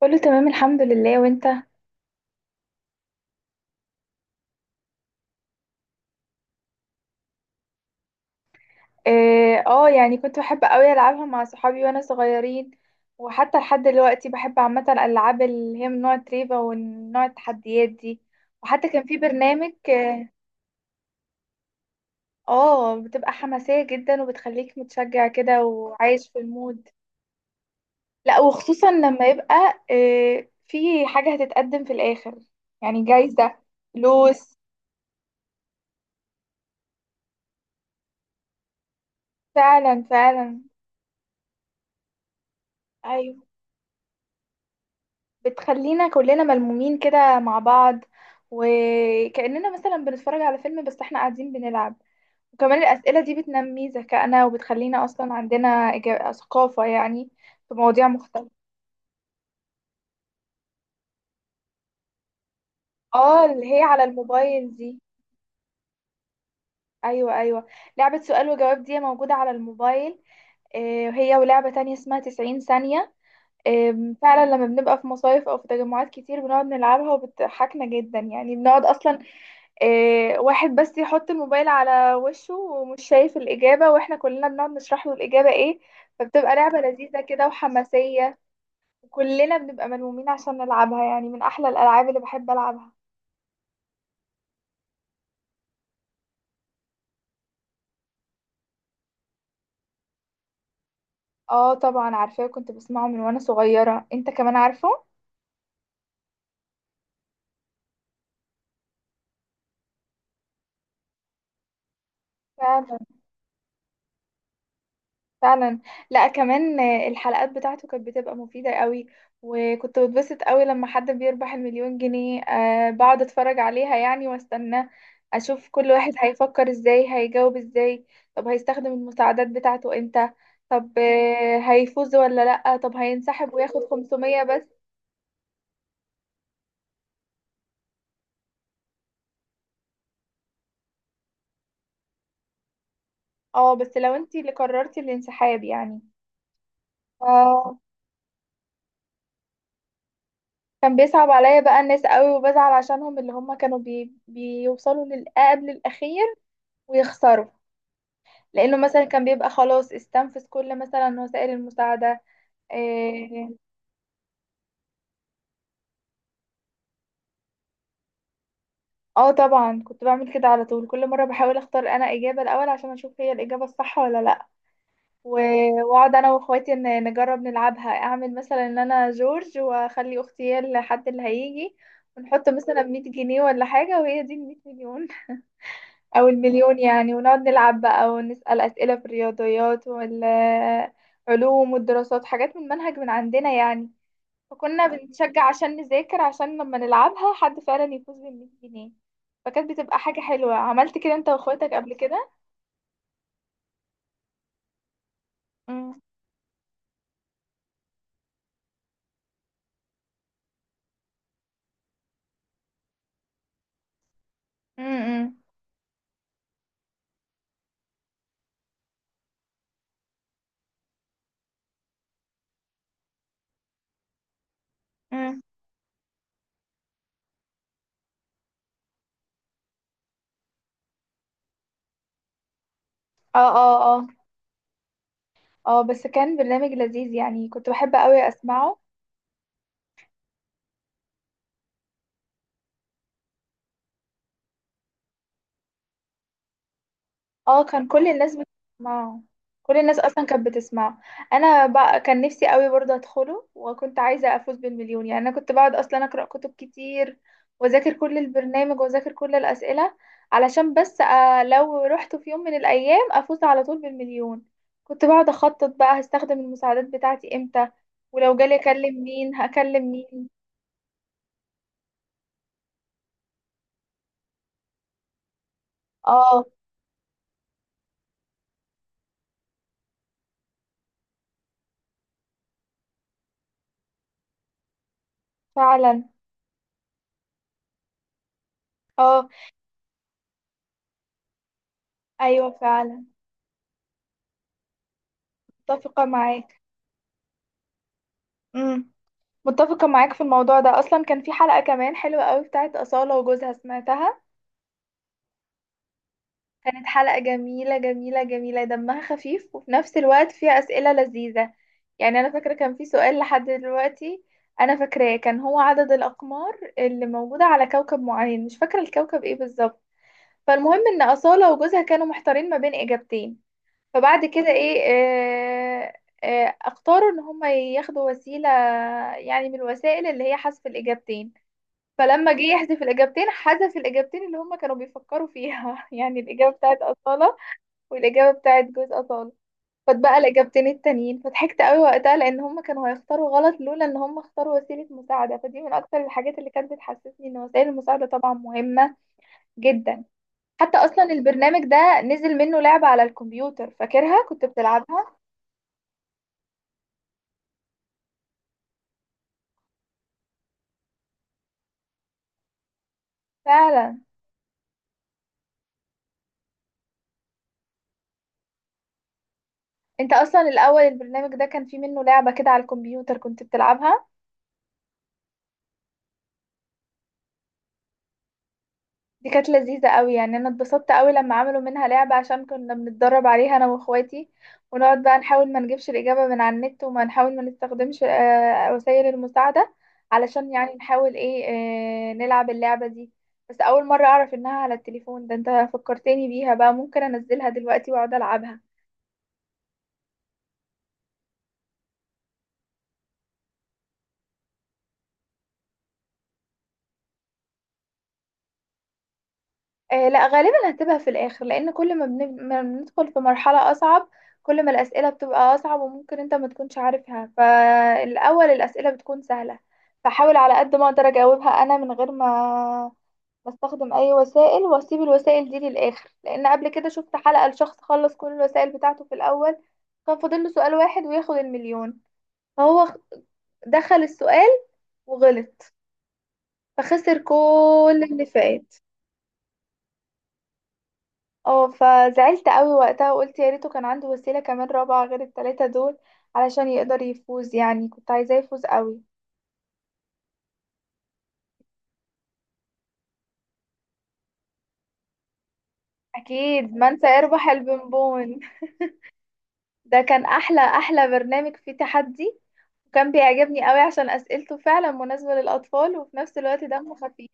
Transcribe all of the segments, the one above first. كله تمام الحمد لله، وانت؟ اه، يعني كنت بحب قوي العبها مع صحابي وانا صغيرين. وحتى لحد دلوقتي بحب عامه الالعاب اللي هي من نوع تريفا ونوع التحديات دي. وحتى كان في برنامج. اه، بتبقى حماسيه جدا وبتخليك متشجع كده وعايش في المود. لا، وخصوصا لما يبقى في حاجه هتتقدم في الاخر، يعني جايزه، فلوس. فعلا فعلا. أيوة. بتخلينا كلنا ملمومين كده مع بعض، وكأننا مثلا بنتفرج على فيلم بس احنا قاعدين بنلعب. وكمان الأسئلة دي بتنمي ذكائنا وبتخلينا أصلا عندنا ثقافة، يعني في مواضيع مختلفة. اه، اللي هي على الموبايل دي. أيوة أيوة، لعبة سؤال وجواب دي موجودة على الموبايل. هي ولعبة تانية اسمها 90 ثانية. فعلا لما بنبقى في مصايف أو في تجمعات كتير بنقعد نلعبها وبتضحكنا جدا، يعني بنقعد أصلا إيه، واحد بس يحط الموبايل على وشه ومش شايف الإجابة واحنا كلنا بنقعد نشرح له الإجابة ايه. فبتبقى لعبة لذيذة كده وحماسية، وكلنا بنبقى ملمومين عشان نلعبها، يعني من أحلى الألعاب اللي بحب ألعبها. اه طبعا عارفاه، كنت بسمعه من وانا صغيرة، انت كمان عارفه؟ فعلا فعلا. لا، كمان الحلقات بتاعته كانت بتبقى مفيدة قوي، وكنت بتبسط قوي لما حد بيربح المليون جنيه. بقعد اتفرج عليها يعني، واستنى اشوف كل واحد هيفكر ازاي، هيجاوب ازاي، طب هيستخدم المساعدات بتاعته امتى، طب هيفوز ولا لا، طب هينسحب وياخد 500 بس. اه بس لو انتي اللي قررتي الانسحاب يعني. آه، كان بيصعب عليا بقى الناس قوي وبزعل عشانهم، اللي هم كانوا بيوصلوا للقاب الأخير ويخسروا، لانه مثلا كان بيبقى خلاص استنفذ كل مثلا وسائل المساعده. إيه، اه طبعا كنت بعمل كده على طول، كل مره بحاول اختار انا اجابه الاول عشان اشوف هي الاجابه الصح ولا لا. و- واقعد انا واخواتي نجرب نلعبها، اعمل مثلا ان انا جورج واخلي اختي هي الحد اللي هيجي، ونحط مثلا 100 جنيه ولا حاجة وهي دي ال 100 مليون أو المليون يعني، ونقعد نلعب بقى ونسأل أسئلة في الرياضيات وال علوم والدراسات، حاجات من منهج من عندنا يعني. فكنا بنتشجع عشان نذاكر، عشان لما نلعبها حد فعلا يفوز بال 100 جنيه. فكانت بتبقى حاجة حلوة. عملت كده انت واخواتك قبل كده؟ امم. امم. امم. اه اه اه. اه بس كان برنامج لذيذ يعني، كنت بحب قوي اسمعه. اه كان كل الناس بتسمعه، كل الناس اصلا كانت بتسمعه. انا بقى كان نفسي قوي برضه ادخله، وكنت عايزه افوز بالمليون، يعني انا كنت بقعد اصلا اقرا كتب كتير واذاكر كل البرنامج واذاكر كل الاسئله، علشان بس لو رحت في يوم من الايام افوز على طول بالمليون. كنت بقعد اخطط بقى هستخدم المساعدات بتاعتي امتى، ولو جالي اكلم مين هكلم مين. اه فعلا. اه ايوه فعلا. متفقه معاك. امم. متفقة معاك في الموضوع ده. أصلا كان في حلقة كمان حلوة قوي بتاعت أصالة وجوزها، سمعتها؟ كانت حلقة جميلة جميلة جميلة، دمها خفيف وفي نفس الوقت فيها أسئلة لذيذة. يعني أنا فاكرة كان في سؤال لحد دلوقتي أنا فاكراه، كان هو عدد الأقمار اللي موجودة على كوكب معين، مش فاكرة الكوكب إيه بالظبط. فالمهم إن أصالة وجوزها كانوا محتارين ما بين إجابتين، فبعد كده إيه آه آه اختاروا إن هما ياخدوا وسيلة، يعني من الوسائل اللي هي حذف الإجابتين. فلما جه يحذف الإجابتين، حذف الإجابتين اللي هما كانوا بيفكروا فيها يعني الإجابة بتاعت أصالة والإجابة بتاعت جوز أصالة، فاتبقى الإجابتين التانيين. فضحكت قوي وقتها، لأن هما كانوا هيختاروا غلط لولا إن هما اختاروا وسيلة مساعدة. فدي من أكتر الحاجات اللي كانت بتحسسني إن وسائل المساعدة طبعا مهمة جدا. حتى أصلا البرنامج ده نزل منه لعبة على الكمبيوتر، فاكرها كنت بتلعبها؟ فعلا. انت اصلا الاول البرنامج ده كان فيه منه لعبة كده على الكمبيوتر كنت بتلعبها. دي كانت لذيذة قوي، يعني انا اتبسطت قوي لما عملوا منها لعبة، عشان كنا بنتدرب عليها انا واخواتي، ونقعد بقى نحاول ما نجيبش الإجابة من على النت، وما نحاول ما نستخدمش وسائل المساعدة، علشان يعني نحاول ايه، نلعب اللعبة دي. بس اول مرة اعرف انها على التليفون، ده انت فكرتني بيها بقى، ممكن انزلها دلوقتي واقعد العبها. آه لا، غالبا هتبقى في الاخر، لان كل ما ما بندخل في مرحلة اصعب، كل ما الاسئلة بتبقى اصعب وممكن انت ما تكونش عارفها. فالاول الاسئلة بتكون سهلة، فحاول على قد ما اقدر اجاوبها انا من غير ما بستخدم اي وسائل، واسيب الوسائل دي للاخر، لان قبل كده شفت حلقة لشخص خلص كل الوسائل بتاعته في الاول، كان فاضل له سؤال واحد وياخد المليون، فهو دخل السؤال وغلط، فخسر كل اللي فات. اه فزعلت قوي وقتها وقلت يا ريته كان عنده وسيلة كمان رابعة غير التلاتة دول، علشان يقدر يفوز، يعني كنت عايزاه يفوز قوي. اكيد، من سيربح البونبون؟ ده كان احلى احلى برنامج فيه تحدي، وكان بيعجبني قوي عشان اسئلته فعلا مناسبة للاطفال وفي نفس الوقت دمه خفيف.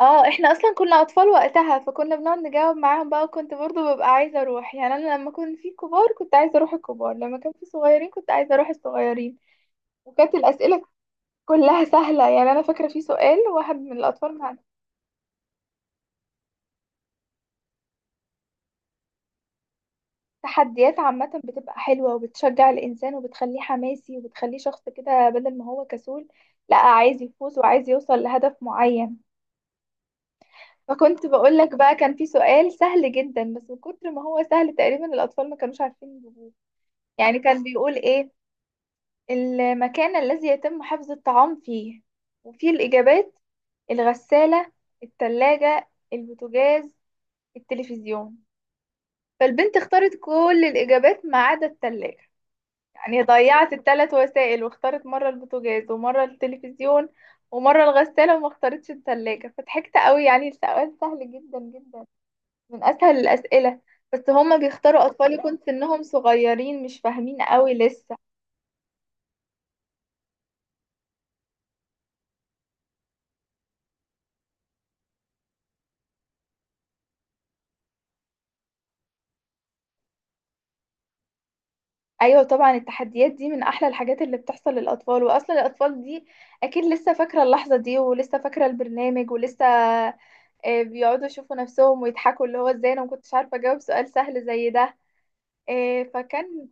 اه احنا اصلا كنا اطفال وقتها، فكنا بنقعد نجاوب معاهم بقى، وكنت برضو ببقى عايزة اروح، يعني انا لما كنت في كبار كنت عايزة اروح الكبار، لما كان في صغيرين كنت عايزة اروح الصغيرين. وكانت الأسئلة كلها سهلة، يعني أنا فاكرة في سؤال واحد من الأطفال مع. التحديات عامة بتبقى حلوة وبتشجع الإنسان وبتخليه حماسي وبتخليه شخص كده بدل ما هو كسول، لا عايز يفوز وعايز يوصل لهدف معين. فكنت بقولك بقى كان في سؤال سهل جدا، بس من كتر ما هو سهل تقريبا الأطفال ما كانوش عارفين يجيبوه. يعني كان بيقول إيه، المكان الذي يتم حفظ الطعام فيه، وفيه الإجابات: الغسالة، التلاجة، البوتاجاز، التلفزيون. فالبنت اختارت كل الإجابات ما عدا التلاجة، يعني ضيعت الثلاث وسائل، واختارت مرة البوتاجاز ومرة التلفزيون ومرة الغسالة، وما اختارتش التلاجة. فضحكت قوي، يعني السؤال سهل جدا جدا، من أسهل الأسئلة. بس هما بيختاروا أطفال يكون سنهم صغيرين، مش فاهمين قوي لسه. أيوة طبعا، التحديات دي من أحلى الحاجات اللي بتحصل للأطفال. وأصلا الأطفال دي أكيد لسه فاكرة اللحظة دي، ولسه فاكرة البرنامج، ولسه بيقعدوا يشوفوا نفسهم ويضحكوا، اللي هو ازاي انا ما كنتش عارفه اجاوب سؤال سهل زي ده. آه، فكان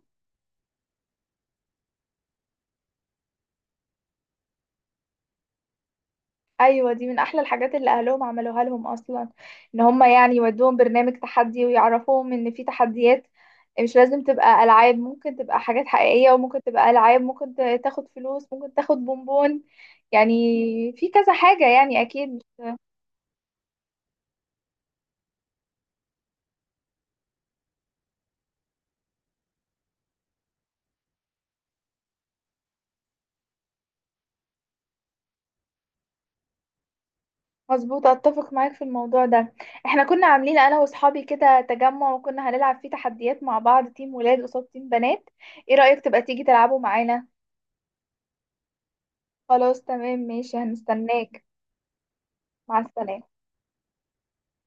ايوه دي من احلى الحاجات اللي اهلهم عملوها لهم اصلا، ان هم يعني يودوهم برنامج تحدي ويعرفوهم ان في تحديات، مش لازم تبقى العاب، ممكن تبقى حاجات حقيقيه، وممكن تبقى العاب، ممكن تاخد فلوس، ممكن تاخد بونبون يعني، في كذا حاجه يعني اكيد. مظبوط، اتفق معاك في الموضوع ده. احنا كنا عاملين انا واصحابي كده تجمع، وكنا هنلعب فيه تحديات مع بعض، تيم ولاد قصاد تيم بنات. ايه رأيك تبقى تيجي تلعبوا معانا؟ خلاص تمام، ماشي، هنستناك. مع السلامة.